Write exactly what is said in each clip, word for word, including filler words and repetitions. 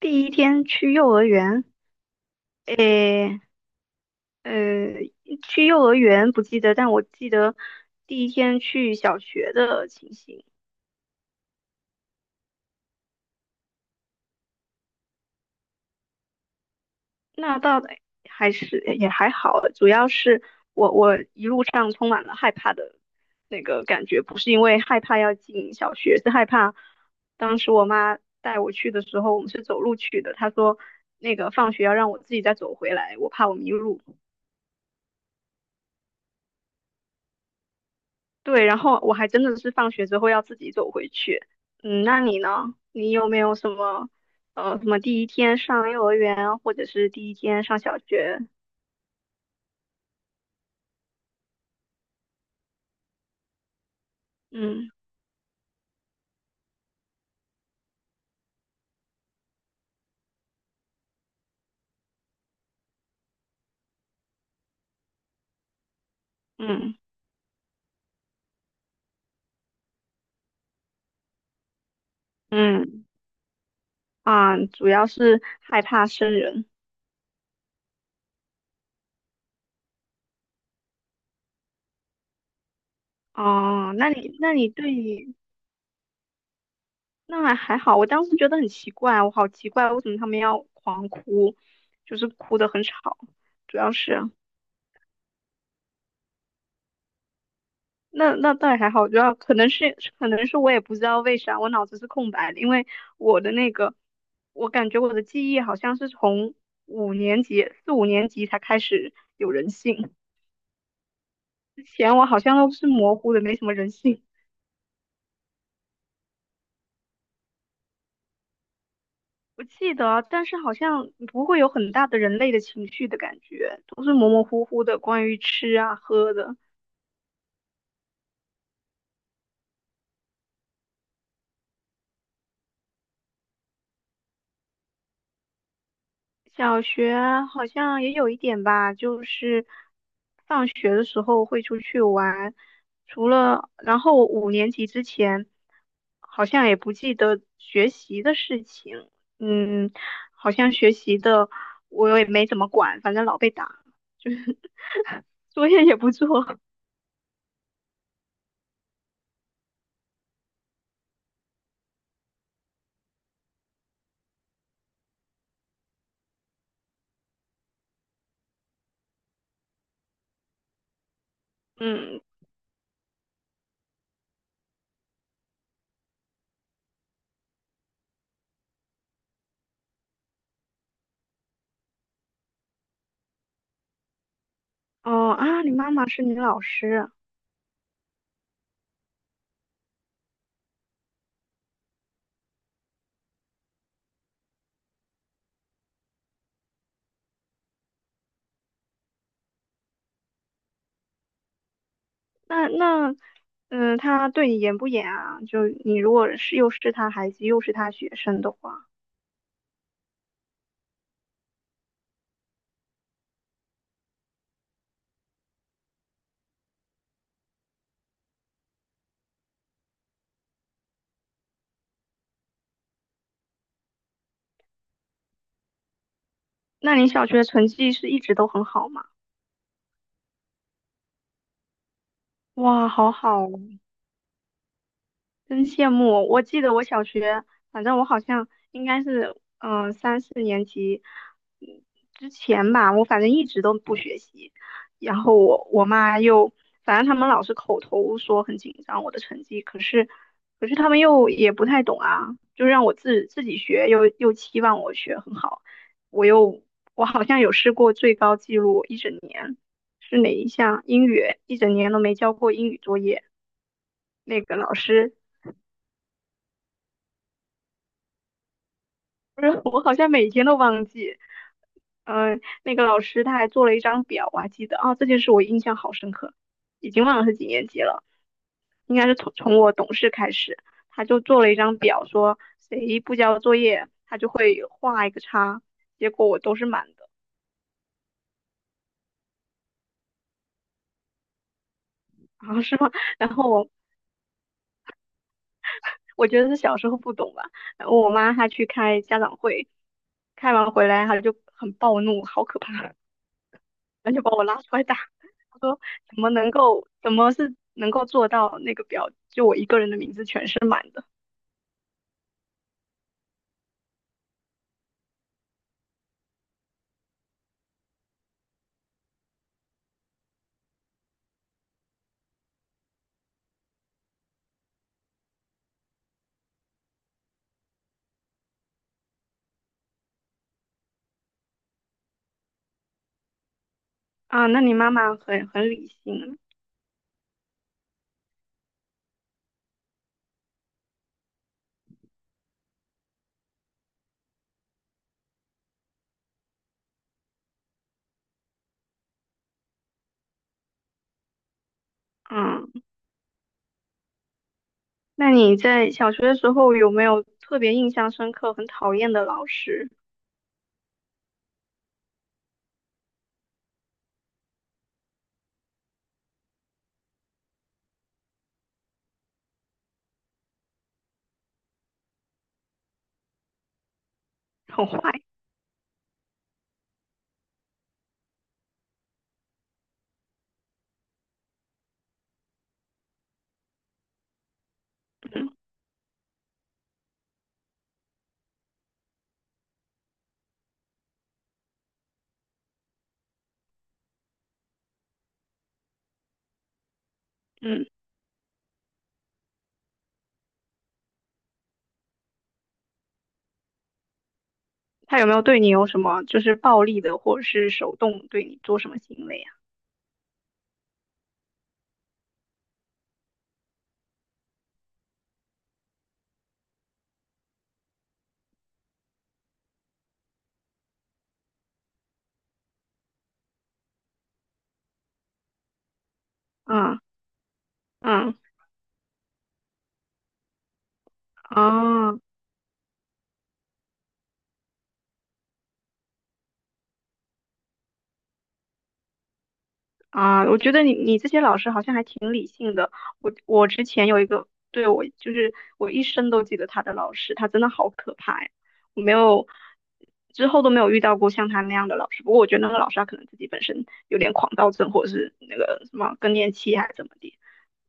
第一天去幼儿园，诶，呃，去幼儿园不记得，但我记得第一天去小学的情形。那倒的还是也还好，主要是我我一路上充满了害怕的那个感觉，不是因为害怕要进小学，是害怕当时我妈带我去的时候，我们是走路去的，她说那个放学要让我自己再走回来，我怕我迷路。对，然后我还真的是放学之后要自己走回去。嗯，那你呢？你有没有什么呃什么第一天上幼儿园，或者是第一天上小学？嗯嗯嗯，啊，主要是害怕生人。哦，那你那你对于那还好，我当时觉得很奇怪，我好奇怪，为什么他们要狂哭，就是哭得很吵，主要是。那那倒也还好，主要可能是可能是我也不知道为啥我脑子是空白的，因为我的那个，我感觉我的记忆好像是从五年级四五年级才开始有人性，之前我好像都是模糊的，没什么人性。我记得啊，但是好像不会有很大的人类的情绪的感觉，都是模模糊糊的，关于吃啊喝的。小学好像也有一点吧，就是放学的时候会出去玩，除了，然后五年级之前好像也不记得学习的事情，嗯，好像学习的我也没怎么管，反正老被打，就 是作业也不做，嗯，哦啊，你妈妈是你老师，那那。嗯，她对你严不严啊？就你如果是又是她孩子又是她学生的话。那你小学成绩是一直都很好吗？哇，好好哦，真羡慕！我记得我小学，反正我好像应该是，嗯、三四年级嗯之前吧，我反正一直都不学习。然后我我妈又，反正他们老是口头说很紧张我的成绩，可是可是他们又也不太懂啊，就让我自自己学，又又期望我学很好。我又我好像有试过最高记录一整年，是哪一项？英语，一整年都没交过英语作业。那个老师不是，我好像每天都忘记。嗯、那个老师他还做了一张表，我还记得啊，这件事我印象好深刻，已经忘了是几年级了，应该是从从我懂事开始，他就做了一张表，说谁不交作业，他就会画一个叉，结果我都是满的，啊是吗？然后我我觉得是小时候不懂吧，然后我妈她去开家长会，开完回来她就很暴怒，好可怕，然后就把我拉出来打，他说怎么能够，怎么是能够做到那个表，就我一个人的名字全是满的啊？那你妈妈很很理性，嗯，那你在小学的时候有没有特别印象深刻、很讨厌的老师，很坏，嗯嗯，他有没有对你有什么就是暴力的，或者是手动对你做什么行为啊？嗯嗯，哦，啊，我觉得你你这些老师好像还挺理性的。我我之前有一个，对，我就是我一生都记得他的老师，他真的好可怕呀！我没有之后都没有遇到过像他那样的老师。不过我觉得那个老师他可能自己本身有点狂躁症，或者是那个什么更年期还是怎么的。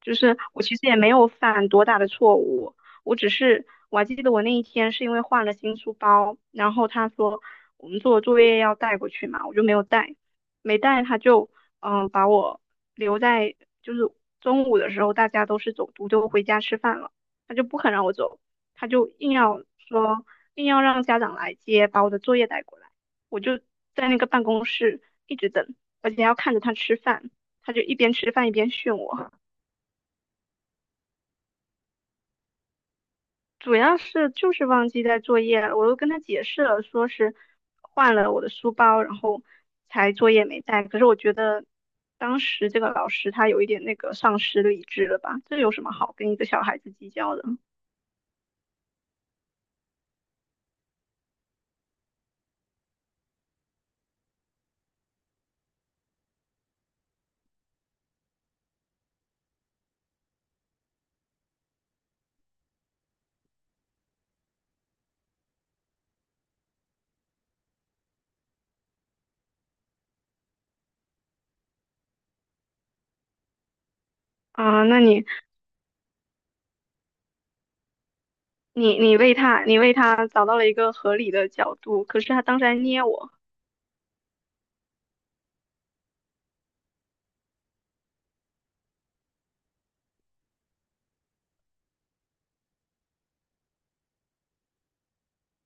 就是我其实也没有犯多大的错误，我只是我还记得我那一天是因为换了新书包，然后他说我们做作业要带过去嘛，我就没有带。没带他就嗯把我留在，就是中午的时候大家都是走读就回家吃饭了，他就不肯让我走，他就硬要说硬要让家长来接，把我的作业带过来，我就在那个办公室一直等，而且还要看着他吃饭，他就一边吃饭一边训我。主要是就是忘记带作业了，我都跟他解释了，说是换了我的书包，然后才作业没带。可是我觉得当时这个老师他有一点那个丧失理智了吧？这有什么好跟一个小孩子计较的？啊、那你你你为他你为他找到了一个合理的角度，可是他当时还捏我，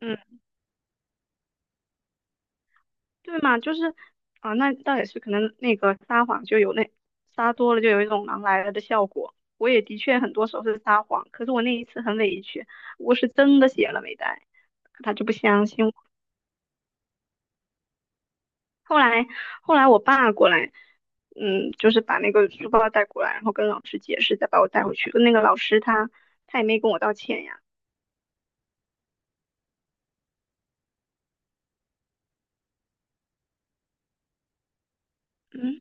嗯。对嘛，就是啊，那倒也是，可能那个撒谎就有那撒多了就有一种狼来了的效果。我也的确很多时候是撒谎，可是我那一次很委屈，我是真的写了没带，他就不相信我。后来后来我爸过来，嗯，就是把那个书包带过来，然后跟老师解释，再把我带回去。那个老师他他也没跟我道歉呀，嗯。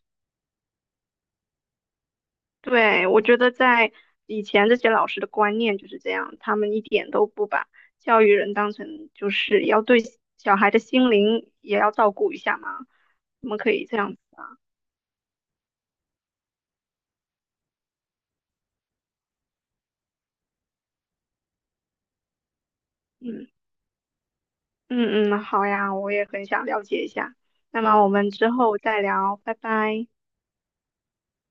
对，我觉得在以前这些老师的观念就是这样，他们一点都不把教育人当成就是要对小孩的心灵也要照顾一下嘛，我们可以这样子啊，嗯嗯嗯，好呀，我也很想了解一下，那么我们之后再聊，拜拜。